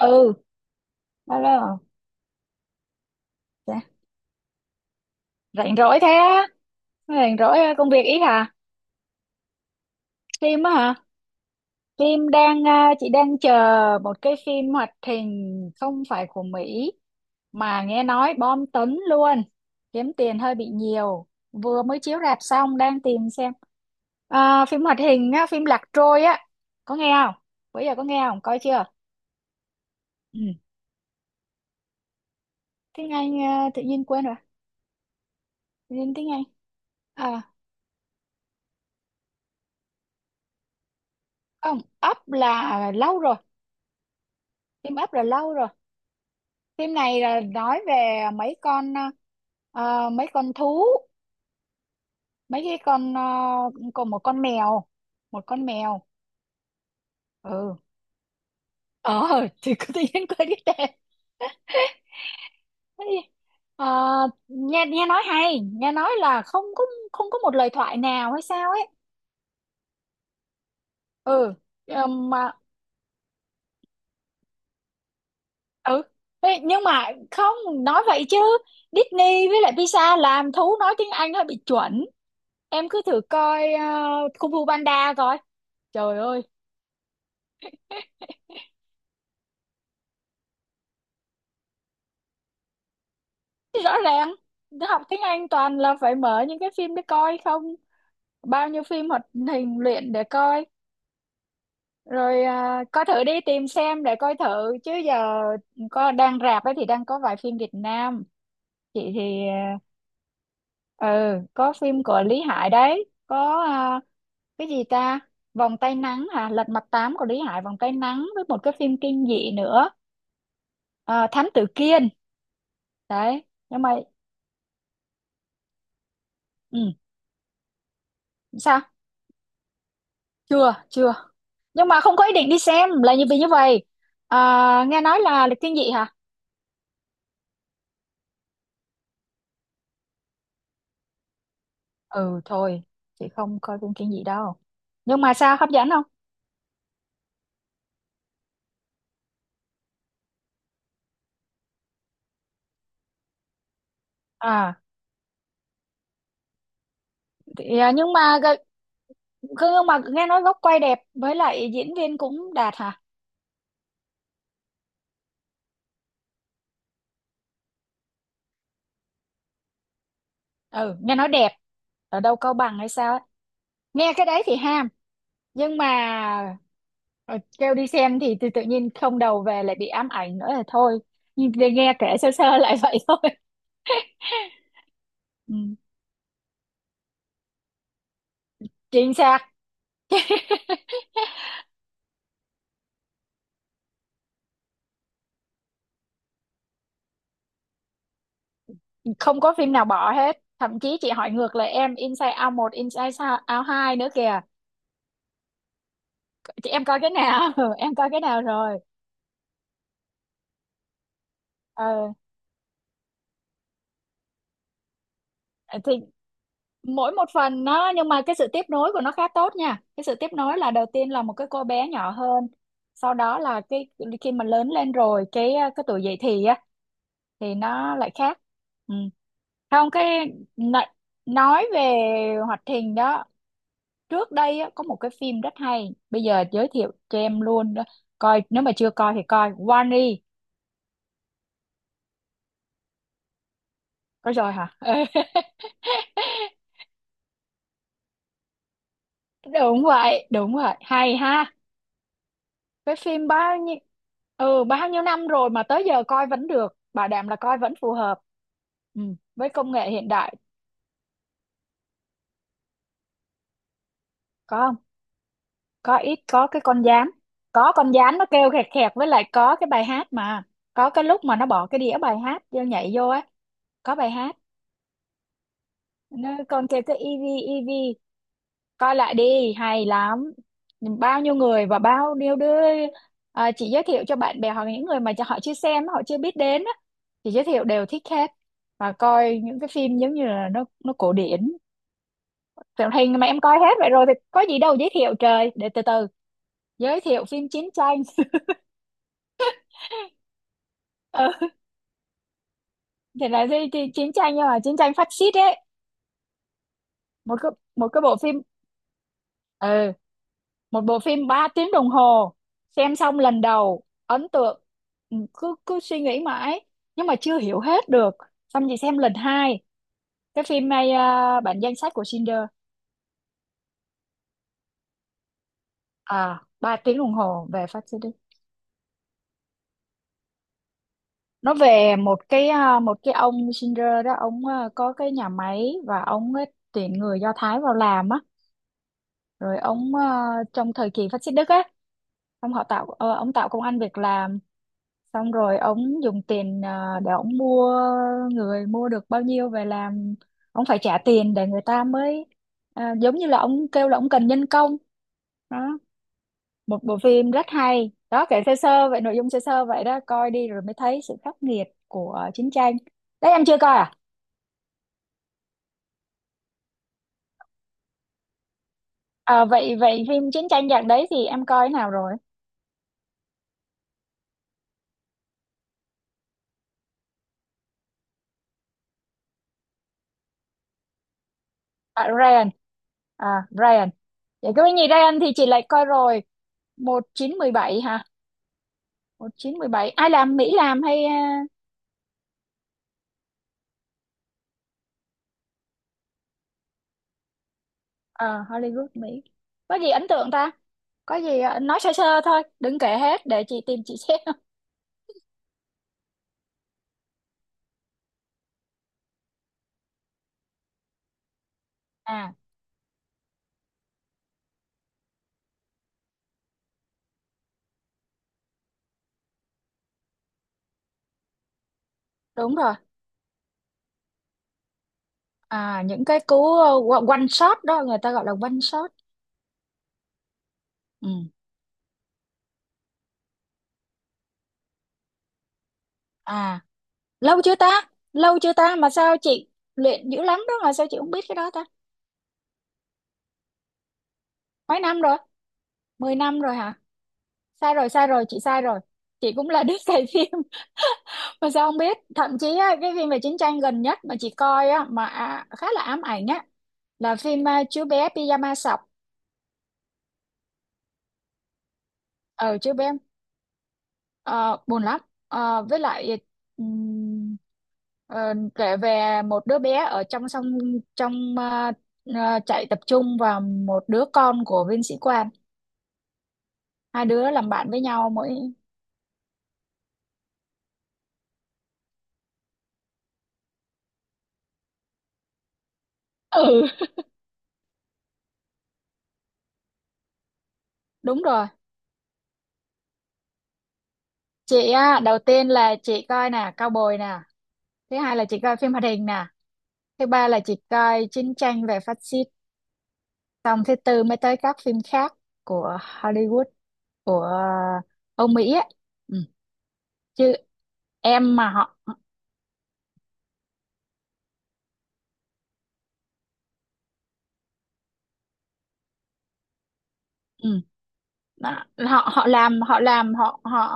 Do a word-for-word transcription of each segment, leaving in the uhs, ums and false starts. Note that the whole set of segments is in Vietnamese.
Ừ, alo, dạ. Rảnh rỗi thế á? Rảnh rỗi, ờ, công việc ít hả? Phim á hả? Phim đang ờ, chị đang chờ một cái phim hoạt hình không phải của Mỹ mà nghe nói bom tấn luôn, kiếm tiền hơi bị nhiều, vừa mới chiếu rạp xong, đang tìm xem. Ờ, phim hoạt hình á, phim Lạc Trôi á, có nghe không? Bây giờ có nghe không, coi chưa? Ừ, tiếng Anh ờ, tự nhiên quên rồi. Tự nhiên tiếng Anh à, không, Up là lâu rồi, phim Up là lâu rồi. Phim này là nói về mấy con, ờ, mấy con thú, mấy cái con, uh, còn một con mèo, một con mèo. Ừ, ờ, thì cứ tự nhiên quên cái tên. Thế thì, ờ, nghe nghe nói hay, nghe nói là không có, không có một lời thoại nào hay sao ấy. Ừ, ờ, mà ừ. Ê, nhưng mà không nói vậy chứ, Disney với lại Pixar làm thú nói tiếng Anh hơi bị chuẩn. Em cứ thử coi ờ, Kung Fu Panda coi, trời ơi. Rõ ràng học tiếng Anh toàn là phải mở những cái phim để coi không, bao nhiêu phim hoạt hình luyện để coi. Rồi à, coi thử đi, tìm xem để coi thử. Chứ giờ có đang rạp ấy thì đang có vài phim Việt Nam, chị thì ờ, ừ, có phim của Lý Hải đấy, có à, cái gì ta, Vòng tay nắng hả, Lật mặt tám của Lý Hải, Vòng tay nắng với một cái phim kinh dị nữa, à, Thám tử Kiên. Đấy, nhưng mà ừ, sao? Chưa chưa, nhưng mà không có ý định đi xem là như vì như vậy. À, nghe nói là lịch thiên dị hả? Ừ thôi, chị không coi phim kinh dị đâu, nhưng mà sao, hấp dẫn không? À, thì, à nhưng mà gợ- nhưng mà nghe nói góc quay đẹp với lại diễn viên cũng đạt hả? Ừ, nghe nói đẹp, ở đâu Cao Bằng hay sao ấy. Nghe cái đấy thì ham, nhưng mà ờ, kêu đi xem thì, tự tự nhiên không đầu, về lại bị ám ảnh nữa là thôi, nhưng nghe kể sơ sơ lại vậy thôi. Ừ. Chính xác. Không có phim nào bỏ hết, thậm chí chị hỏi ngược lại em, Inside Out một, Inside Out hai nữa kìa. Chị em coi cái nào? Ừ, em coi cái nào rồi? Ờ, thì mỗi một phần nó, nhưng mà cái sự tiếp nối của nó khá tốt nha. Cái sự tiếp nối là đầu tiên là một cái cô bé nhỏ hơn, sau đó là cái khi mà lớn lên rồi, cái cái tuổi dậy thì á thì nó lại khác. Ừ. Không, cái nói nói về hoạt hình đó, trước đây á, có một cái phim rất hay, bây giờ giới thiệu cho em luôn đó. Coi, nếu mà chưa coi thì coi Wall-E. Có rồi hả? Đúng vậy, đúng vậy, hay ha. Cái phim bao nhiêu, ừ, bao nhiêu năm rồi mà tới giờ coi vẫn được, bảo đảm là coi vẫn phù hợp. Ừ, với công nghệ hiện đại. Có không? Có ít, có cái con gián, có con gián nó kêu khẹt khẹt, với lại có cái bài hát mà, có cái lúc mà nó bỏ cái đĩa bài hát vô, nhảy vô á, có bài hát. Nó con kêu cái e vê e vê, coi lại đi, hay lắm. Bao nhiêu người và bao nhiêu đứa, à, chị giới thiệu cho bạn bè hoặc những người mà cho họ chưa xem, họ chưa biết đến á, chị giới thiệu đều thích hết. Và coi những cái phim giống như là nó nó cổ điển. Phim thì mà em coi hết vậy rồi thì có gì đâu giới thiệu. Trời, để từ từ, giới thiệu phim chiến tranh. Ừ, thì là gì, chi- chiến tranh, nhưng mà chiến tranh phát xít ấy. Một cái, một cái bộ phim, ừ, một bộ phim ba tiếng đồng hồ, xem xong lần đầu ấn tượng. Ừ, cứ cứ suy nghĩ mãi, nhưng mà chưa hiểu hết được, xong chị xem lần hai. Cái phim này à, bản danh sách của Schindler, à, ba tiếng đồng hồ về phát xít đi. Nó về một cái à, một cái ông Schindler đó, ông à, có cái nhà máy và ông ấy tuyển người Do Thái vào làm á. Rồi ông à, trong thời kỳ phát xít Đức á, ông họ tạo ờ, ông tạo công ăn việc làm. Xong rồi ông dùng tiền ờ, để ông mua người, mua được bao nhiêu về làm, ông phải trả tiền để người ta mới à, giống như là ông kêu là ông cần nhân công đó. Một bộ phim rất hay đó, kể sơ sơ vậy, nội dung sơ sơ vậy đó, coi đi rồi mới thấy sự khắc nghiệt của chiến tranh. Đấy, em chưa coi à? À vậy vậy phim chiến tranh dạng đấy thì em coi nào rồi? À, Ryan à, Ryan, vậy cái gì Ryan thì chị lại coi rồi. Một chín một bảy hả? Một chín một bảy ai làm, Mỹ làm hay? Ờ Hollywood Mỹ. Có gì ấn tượng ta? Có gì ờ, nói sơ sơ thôi, đừng kể hết để chị tìm chị xem. À đúng rồi. À những cái cú ờ, one shot đó, người ta gọi là one shot. Ừ. À lâu chưa ta, lâu chưa ta mà sao chị luyện dữ lắm đó mà sao chị không biết cái đó ta? Mấy năm rồi, mười năm rồi hả? Sai rồi, sai rồi, chị sai rồi, chị cũng là đứa cày phim mà sao không biết? Thậm chí á, cái phim về chiến tranh gần nhất mà chị coi á, mà à, khá là ám ảnh á, là phim à, chú bé pyjama sọc. Ờ chú bé, ờ, buồn lắm. Ờ, với lại ừm, ờ, kể về một đứa bé ở trong sông, trong à, à, trại tập trung và một đứa con của viên sĩ quan, hai đứa làm bạn với nhau mỗi. Ừ, đúng rồi. Chị á, đầu tiên là chị coi nè Cao Bồi nè, thứ hai là chị coi phim hoạt hình nè, thứ ba là chị coi chiến tranh về phát xít, xong thứ tư mới tới các phim khác của Hollywood, của ờ, Âu Mỹ ấy. Ừ. Chứ em mà họ, ừ. Đó, họ họ làm họ làm họ họ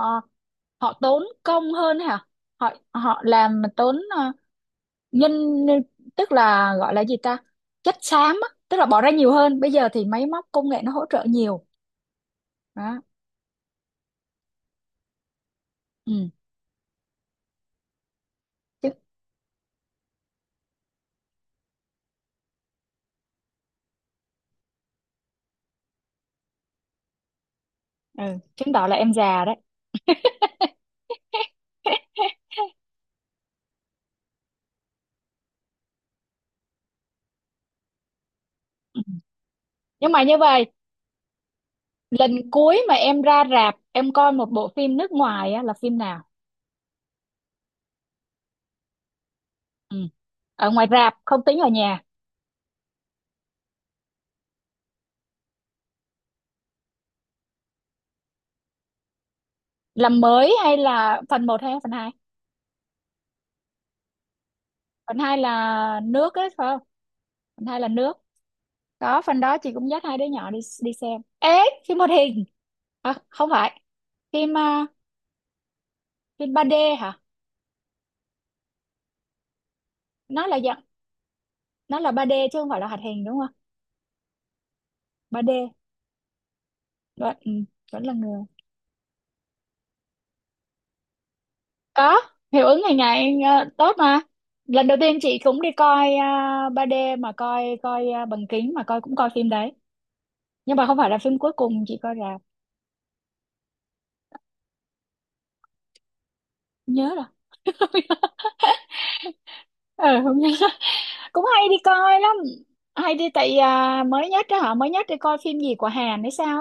họ tốn công hơn hả? Họ họ làm mà tốn ờ, nhân, tức là gọi là gì ta, chất xám á, tức là bỏ ra nhiều hơn. Bây giờ thì máy móc công nghệ nó hỗ trợ nhiều. Đó. Ừ. Chứ. Ừ. Chứng tỏ là em già đấy. Nhưng mà như vậy, lần cuối mà em ra rạp em coi một bộ phim nước ngoài á, là phim nào? Ừ. Ở ngoài rạp, không tính ở nhà. Là mới hay là phần một hay phần hai? Phần hai là nước ấy phải không? Phần hai là nước, có phần đó chị cũng dắt hai đứa nhỏ đi đi xem ế. Phim hoạt hình à, không phải, phim à, phim ba đê hả? Nó là dạng, nó là ba đê chứ không phải là hoạt hình đúng không? ba đê vẫn, ừ, vẫn là người, có hiệu ứng ngày ngày ờ, tốt mà. Lần đầu tiên chị cũng đi coi à, ba đê mà coi, coi à, bằng kính mà coi, cũng coi phim đấy, nhưng mà không phải là phim cuối cùng chị coi rạp. Không nhớ rồi. Ờ không nhớ. Cũng hay đi coi lắm, hay đi. Tại à, mới nhất đó, họ mới nhất đi coi phim gì của Hàn hay sao.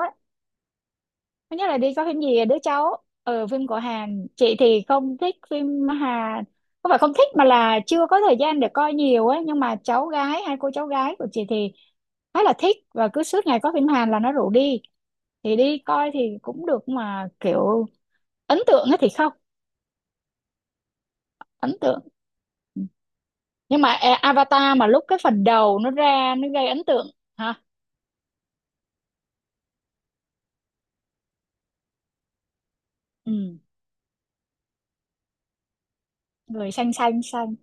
Thứ nhất là đi coi phim gì à? Đứa cháu ờ, phim của Hàn, chị thì không thích phim Hàn, không phải không thích mà là chưa có thời gian để coi nhiều ấy. Nhưng mà cháu gái, hai cô cháu gái của chị thì khá là thích và cứ suốt ngày có phim Hàn là nó rủ đi, thì đi coi thì cũng được, mà kiểu ấn tượng ấy thì không ấn tượng. Ừ. Nhưng mà e- Avatar mà lúc cái phần đầu nó ra nó gây ấn tượng hả. Ừ. Người xanh xanh xanh.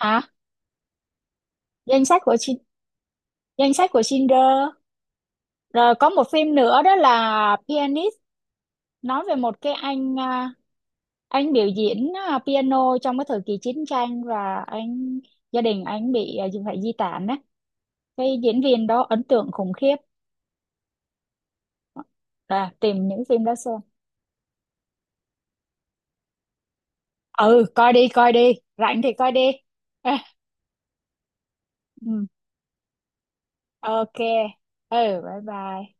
Hả? Danh sách của Shin- danh sách của Schindler. Rồi có một phim nữa đó là Pianist, nói về một cái anh à, anh biểu diễn à, piano trong cái thời kỳ chiến tranh, và anh, gia đình anh bị à, phải di tản á. Cái diễn viên đó ấn tượng khủng khiếp. À, tìm những phim đó xem. Ừ, coi đi, coi đi. Rảnh thì coi đi. Ừ, ok. Ừ, bye bye.